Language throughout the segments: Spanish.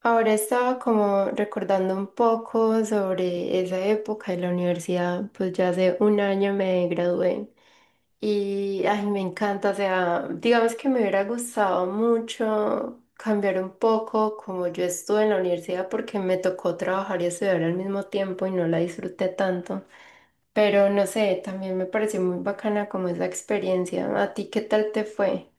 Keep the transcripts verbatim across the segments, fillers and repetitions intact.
Ahora estaba como recordando un poco sobre esa época de la universidad, pues ya hace un año me gradué y ay, me encanta, o sea, digamos que me hubiera gustado mucho cambiar un poco como yo estuve en la universidad porque me tocó trabajar y estudiar al mismo tiempo y no la disfruté tanto, pero no sé, también me pareció muy bacana como esa experiencia. ¿A ti qué tal te fue?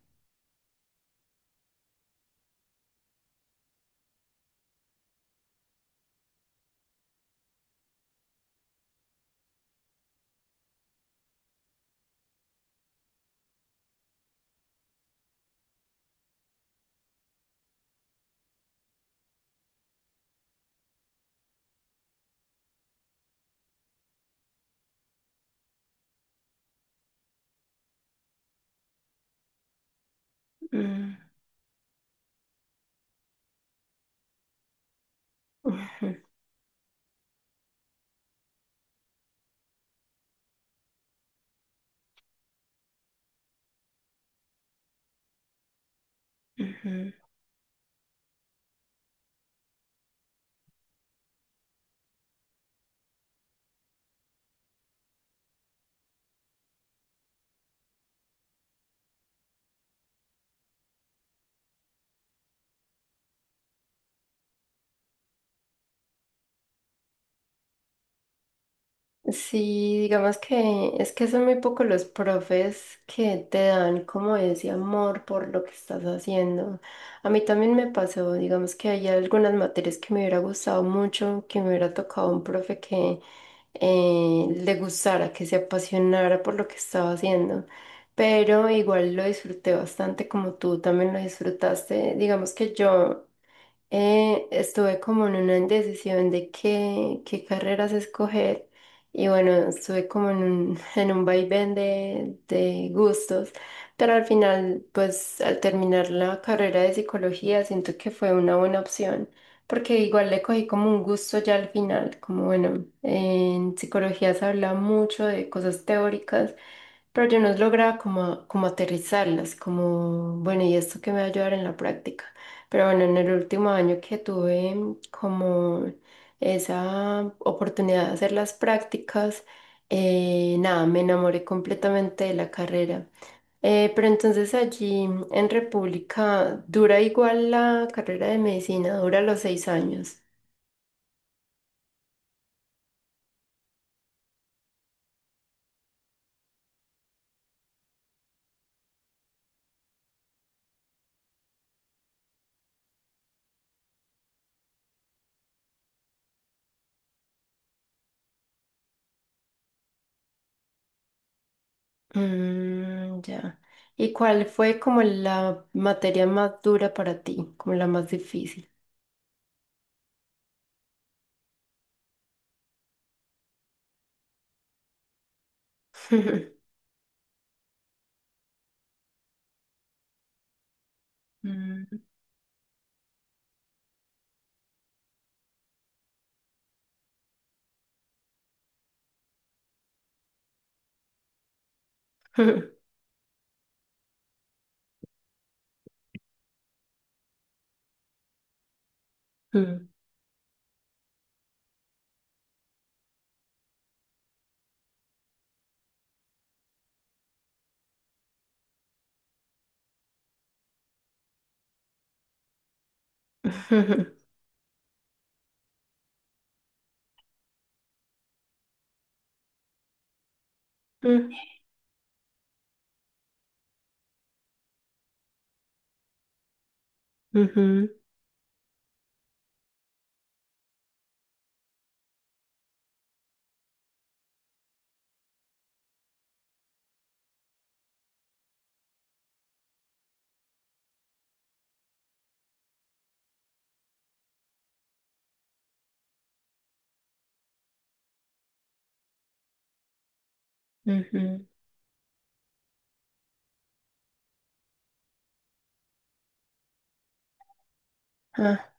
Mm, ujú, ujú. Sí, digamos que es que son muy pocos los profes que te dan como ese amor por lo que estás haciendo. A mí también me pasó, digamos que hay algunas materias que me hubiera gustado mucho, que me hubiera tocado un profe que eh, le gustara, que se apasionara por lo que estaba haciendo. Pero igual lo disfruté bastante como tú también lo disfrutaste. Digamos que yo eh, estuve como en una indecisión de qué, qué carreras escoger y bueno, estuve como en un, en un vaivén de, de gustos, pero al final, pues al terminar la carrera de psicología, siento que fue una buena opción, porque igual le cogí como un gusto ya al final, como bueno, en psicología se habla mucho de cosas teóricas. Pero yo no lograba como, como aterrizarlas, como, bueno, ¿y esto qué me va a ayudar en la práctica? Pero bueno, en el último año que tuve mm, como esa oportunidad de hacer las prácticas, eh, nada, me enamoré completamente de la carrera. Eh, pero entonces allí mm, en República dura igual la carrera de medicina, dura los seis años. Mm, ya. ¿Y cuál fue como la materia más dura para ti, como la más difícil? Ujú, ujú, ujú, ujú. Ah.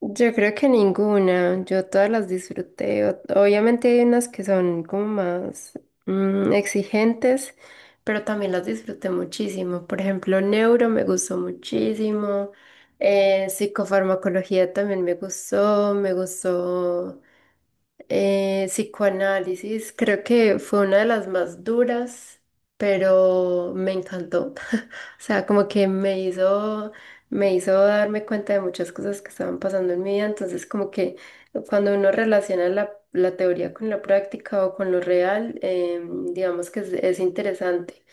Yo creo que ninguna, yo todas las disfruté. O- Obviamente hay unas que son como más mm, exigentes, pero también las disfruté muchísimo. Por ejemplo, Neuro me gustó muchísimo, eh, Psicofarmacología también me gustó, me gustó eh, psicoanálisis, creo que fue una de las más duras, pero me encantó. O sea, como que me hizo, me hizo darme cuenta de muchas cosas que estaban pasando en mi vida. Entonces, como que cuando uno relaciona la, la teoría con la práctica o con lo real, em, digamos que es es interesante.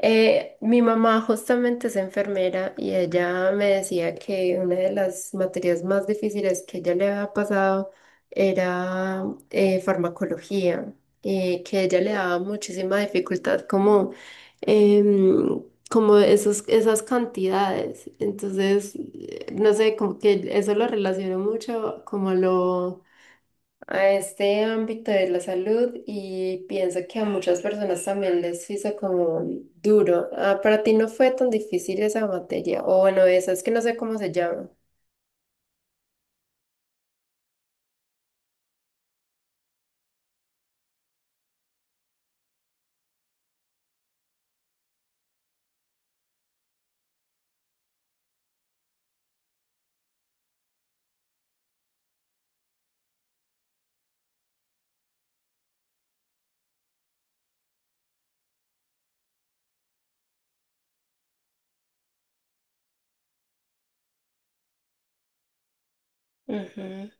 Eh, mi mamá justamente es enfermera y ella me decía que una de las materias más difíciles que ella le había pasado era eh, farmacología, eh, que ella le daba muchísima dificultad como, em, como esos, esas cantidades. Entonces, eh, no sé, como que eso lo relaciono mucho como a lo a este ámbito de la salud y pienso que a muchas personas también les hizo como duro. Ah, para ti no fue tan difícil esa materia, o bueno, esa es que no sé cómo se llama. Ujú.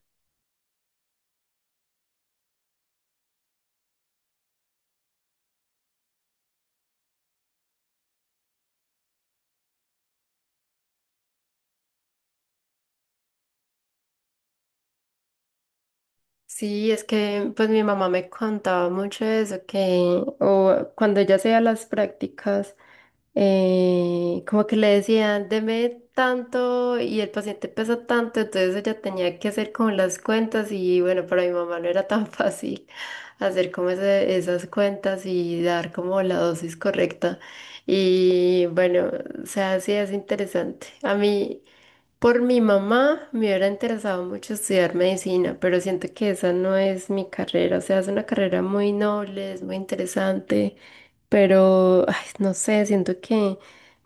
Sí, es que pues mi mamá me contaba mucho de eso, que o cuando ella hacía las prácticas, eh, como que le decían, deme tanto y el paciente pesa tanto, entonces ella tenía que hacer como las cuentas y bueno, para mi mamá no era tan fácil hacer como ese- esas cuentas y dar como la dosis correcta. Y bueno, o sea, sí es interesante. A mí... Por mi mamá me hubiera interesado mucho estudiar medicina, pero siento que esa no es mi carrera. O sea, es una carrera muy noble, es muy interesante, pero ay, no sé, siento que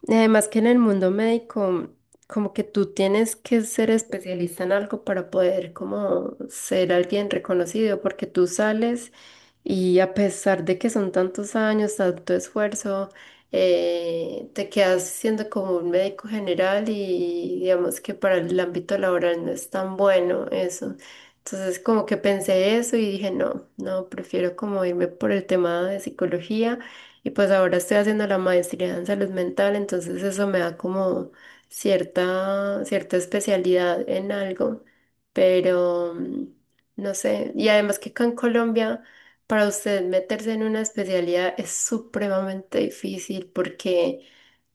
además que en el mundo médico, como que tú tienes que ser especialista en algo para poder como ser alguien reconocido, porque tú sales y a pesar de que son tantos años, tanto esfuerzo eh, te quedas siendo como un médico general y digamos que para el ámbito laboral no es tan bueno eso. Entonces como que pensé eso y dije, no, no, prefiero como irme por el tema de psicología y pues ahora estoy haciendo la maestría en salud mental, entonces eso me da como cierta, cierta especialidad en algo, pero mm, no sé, y además que acá en Colombia... Para usted meterse en una especialidad es supremamente difícil porque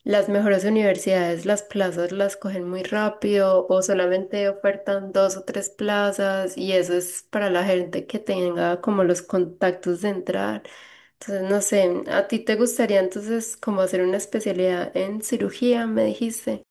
las mejores universidades, las plazas las cogen muy rápido o solamente ofertan dos o tres plazas y eso es para la gente que tenga como los contactos de entrar. Entonces, no sé, ¿a ti te gustaría entonces como hacer una especialidad en cirugía, me dijiste?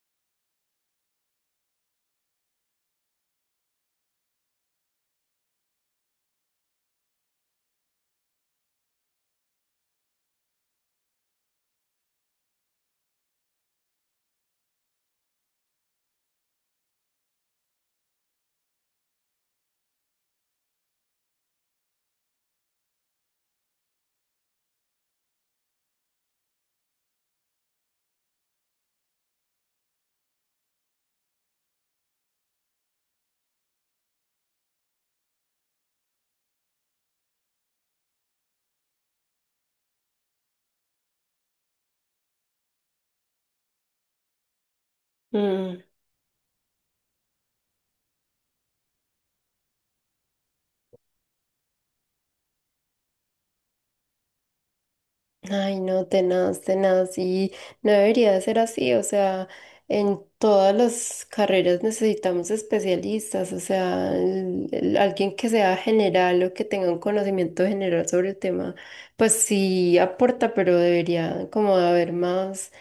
Ay, no, tenaz, tenaz, y no debería ser así, o sea, en todas las carreras necesitamos especialistas, o sea, el- el- alguien que sea general o que tenga un conocimiento general sobre el tema, pues sí aporta, pero debería como haber más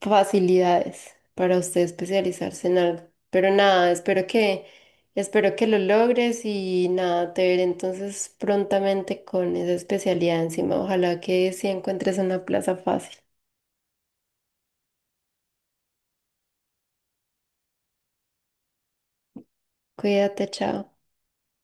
facilidades para usted especializarse en algo. Pero nada, espero que, espero que lo logres y nada, te veré entonces prontamente con esa especialidad encima. Ojalá que sí encuentres una plaza fácil. Cuídate, chao.